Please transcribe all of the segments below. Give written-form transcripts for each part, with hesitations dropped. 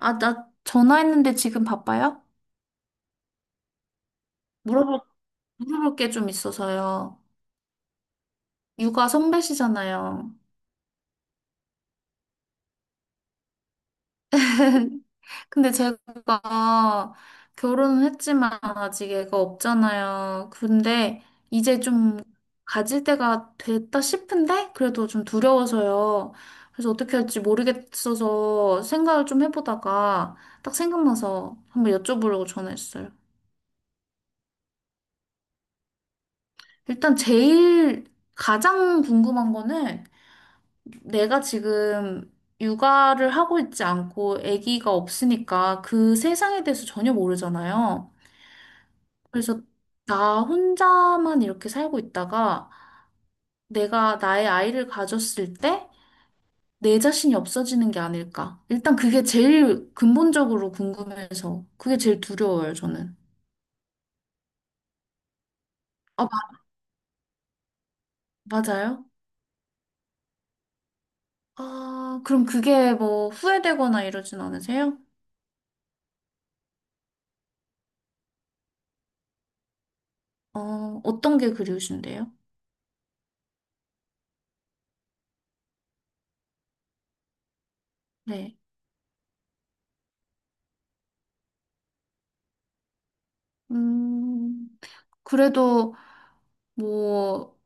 아, 나 전화했는데 지금 바빠요? 물어볼, 어, 물어볼 게 좀 있어서요. 육아 선배시잖아요. 근데 제가 결혼은 했지만 아직 애가 없잖아요. 근데 이제 좀 가질 때가 됐다 싶은데 그래도 좀 두려워서요. 그래서 어떻게 할지 모르겠어서 생각을 좀 해보다가 딱 생각나서 한번 여쭤보려고 전화했어요. 일단 제일 가장 궁금한 거는 내가 지금 육아를 하고 있지 않고 아기가 없으니까 그 세상에 대해서 전혀 모르잖아요. 그래서 나 혼자만 이렇게 살고 있다가 내가 나의 아이를 가졌을 때 내 자신이 없어지는 게 아닐까. 일단 그게 제일 근본적으로 궁금해서 그게 제일 두려워요, 저는. 아, 맞아요? 아, 그럼 그게 뭐 후회되거나 이러진 않으세요? 어, 어떤 게 그리우신데요? 네. 음, 그래도 뭐,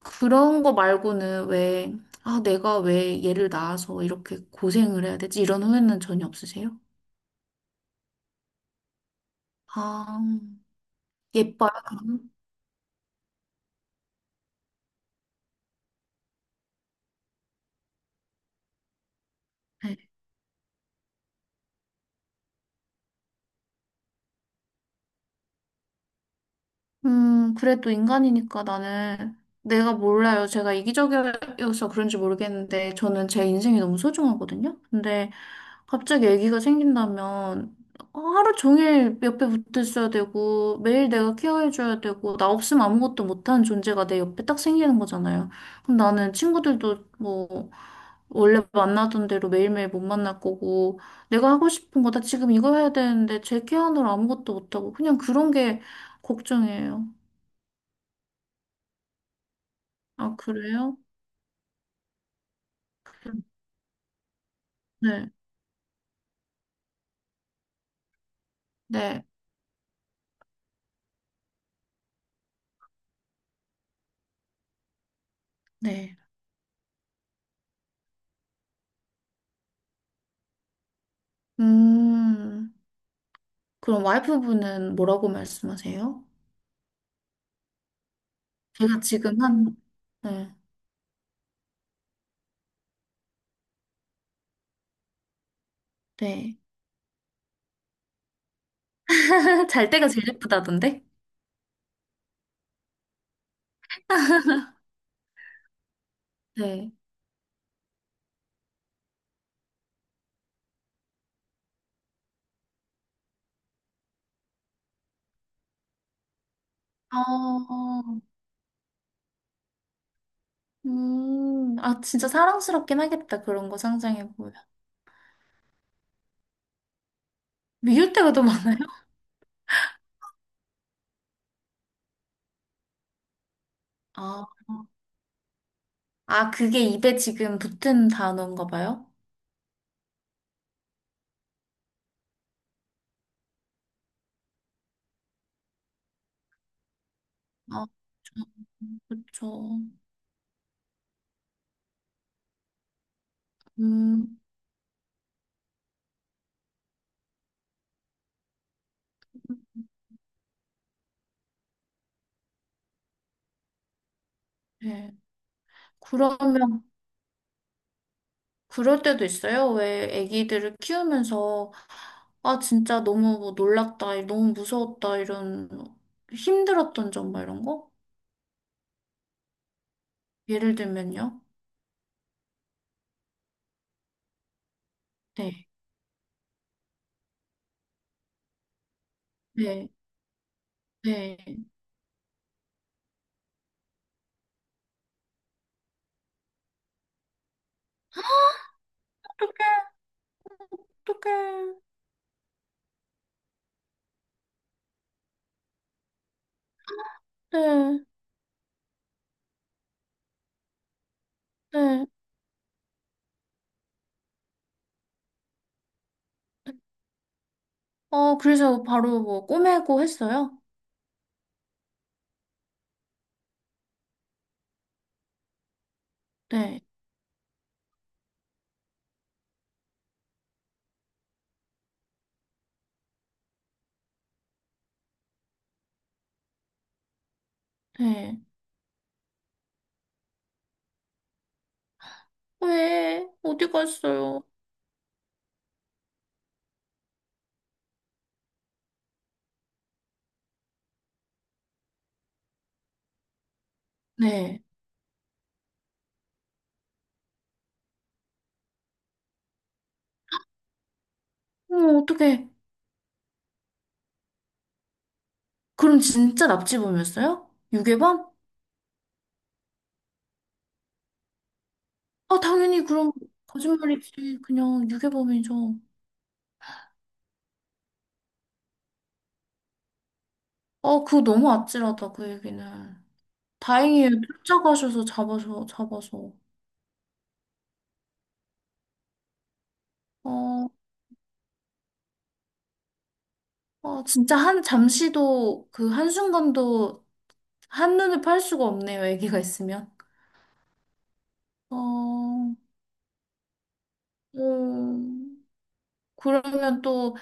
그런 거 말고는 왜, 아, 내가 왜 얘를 낳아서 이렇게 고생을 해야 되지? 이런 후회는 전혀 없으세요? 아, 예뻐요, 그럼? 네. 그래도 인간이니까 나는, 내가 몰라요. 제가 이기적이어서 그런지 모르겠는데, 저는 제 인생이 너무 소중하거든요? 근데, 갑자기 아기가 생긴다면 하루 종일 옆에 붙어 있어야 되고 매일 내가 케어해줘야 되고 나 없으면 아무것도 못하는 존재가 내 옆에 딱 생기는 거잖아요. 그럼 나는 친구들도 뭐 원래 만나던 대로 매일매일 못 만날 거고 내가 하고 싶은 거다 지금 이거 해야 되는데 제 케어하느라 아무것도 못하고 그냥 그런 게 걱정이에요. 아, 그래요? 네, 네, 네. 음, 그럼 와이프분은 뭐라고 말씀하세요? 제가 지금 한, 네. 네. 잘 때가 제일 예쁘다던데? 네. 아, 아, 진짜 사랑스럽긴 하겠다. 그런 거 상상해보면. 미울 때가 더 많아요? 아, 아, 그게 입에 지금 붙은 단어인가 봐요? 아, 그쵸. 음, 네. 그러면, 그럴 때도 있어요? 왜 아기들을 키우면서, 아, 진짜 너무 뭐 놀랐다, 너무 무서웠다, 이런, 힘들었던 점, 뭐 이런 거? 예를 들면요? 네, 네, 네. 어떡해, 어떡해. 네, 네. 어, 그래서 바로 뭐 꼬매고 했어요? 네, 네. 왜? 어디 갔어요? 네. 어, 어떡해. 그럼 진짜 납치범이었어요? 유괴범? 아, 당연히 그럼 거짓말이지. 그냥 유괴범이죠. 아, 그거 너무 아찔하다, 그 얘기는. 다행이에요. 쫓아가셔서 잡아서. 어, 어, 진짜 한, 잠시도, 그 한순간도 한눈에 팔 수가 없네요, 아기가 있으면. 어, 음, 그러면 또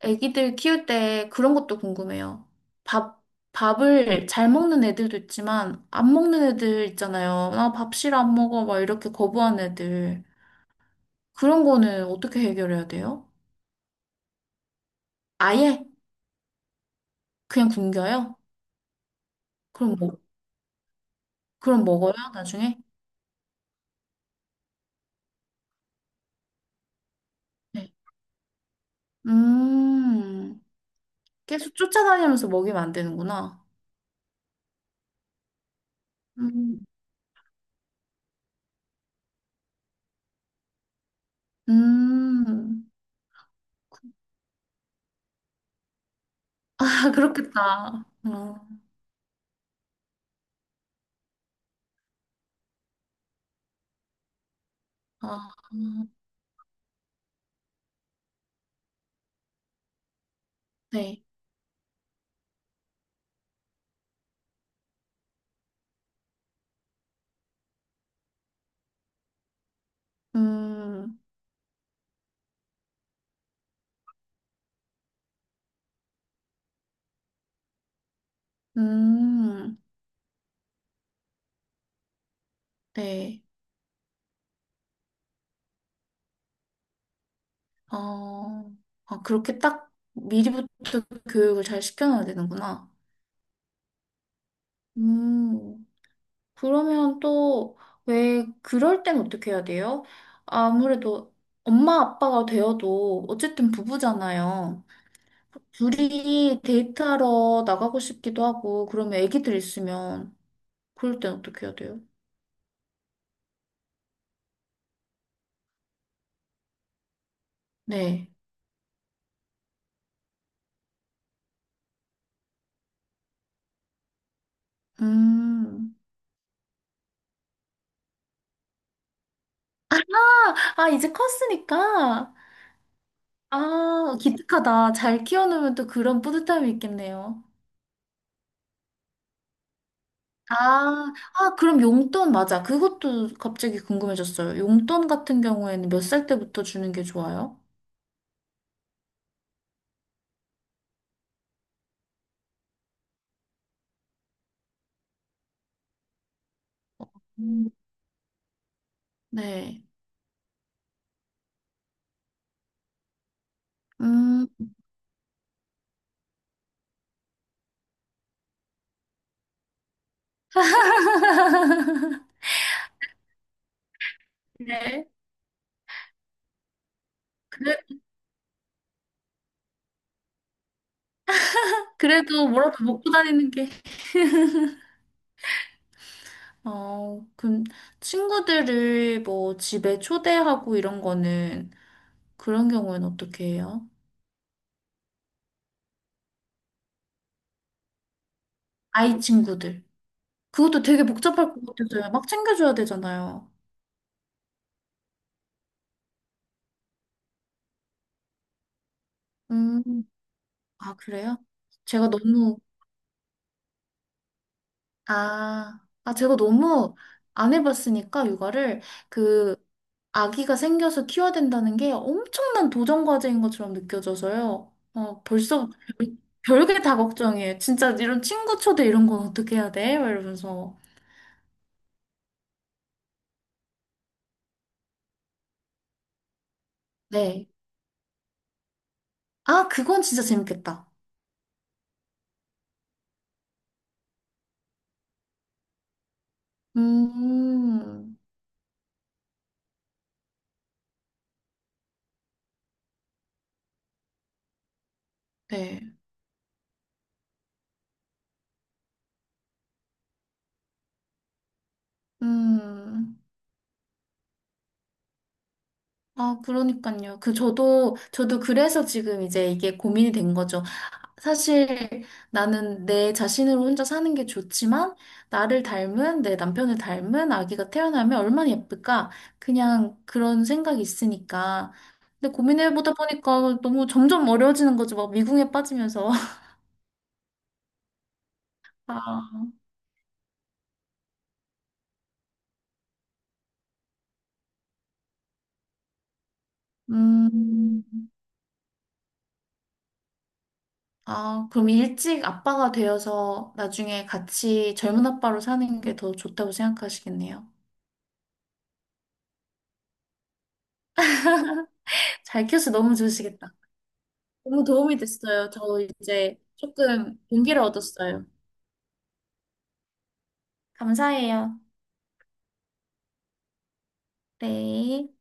아기들 키울 때 그런 것도 궁금해요. 밥, 밥을 잘 먹는 애들도 있지만 안 먹는 애들 있잖아요. 나 밥 싫어 안 먹어 막 이렇게 거부하는 애들. 그런 거는 어떻게 해결해야 돼요? 아예 그냥 굶겨요? 그럼 먹, 그럼 먹어요, 나중에? 네. 음, 계속 쫓아다니면서 먹이면 안 되는구나. 음. 음. 아, 그렇겠다. 어, 아, 네. 음, 음, 네. 어, 아, 그렇게 딱 미리부터 교육을 잘 시켜놔야 되는구나. 음, 그러면 또 왜 그럴 땐 어떻게 해야 돼요? 아무래도 엄마 아빠가 되어도 어쨌든 부부잖아요. 둘이 데이트하러 나가고 싶기도 하고, 그러면 애기들 있으면 그럴 땐 어떻게 해야 돼요? 네. 음. 아, 이제 컸으니까. 아, 기특하다. 잘 키워놓으면 또 그런 뿌듯함이 있겠네요. 아, 아, 그럼 용돈 맞아. 그것도 갑자기 궁금해졌어요. 용돈 같은 경우에는 몇 살 때부터 주는 게 좋아요? 음. 네. 음, 네. 그래, 그래도 뭐라도 먹고 다니는 게. 어, 그럼 친구들을 뭐 집에 초대하고 이런 거는 그런 경우에는 어떻게 해요? 아이 친구들. 그것도 되게 복잡할 것 같아서요. 막 챙겨줘야 되잖아요. 음, 아, 그래요? 제가 너무, 제가 너무 안 해봤으니까, 육아를. 그, 아기가 생겨서 키워야 된다는 게 엄청난 도전 과제인 것처럼 느껴져서요. 어, 벌써 별- 별게 다 걱정이에요. 진짜 이런 친구 초대 이런 건 어떻게 해야 돼? 막 이러면서. 네. 아, 그건 진짜 재밌겠다. 음, 네. 음. 아, 그러니까요. 저도 그래서 지금 이제 이게 고민이 된 거죠. 사실 나는 내 자신으로 혼자 사는 게 좋지만, 나를 닮은, 내 남편을 닮은 아기가 태어나면 얼마나 예쁠까? 그냥 그런 생각이 있으니까. 근데 고민해보다 보니까 너무 점점 어려워지는 거죠. 막 미궁에 빠지면서. 아, 음, 아, 그럼 일찍 아빠가 되어서 나중에 같이 젊은 아빠로 사는 게 더 좋다고 생각하시겠네요. 잘 키워서 너무 좋으시겠다. 너무 도움이 됐어요. 저 이제 조금 용기를 얻었어요. 감사해요. 네.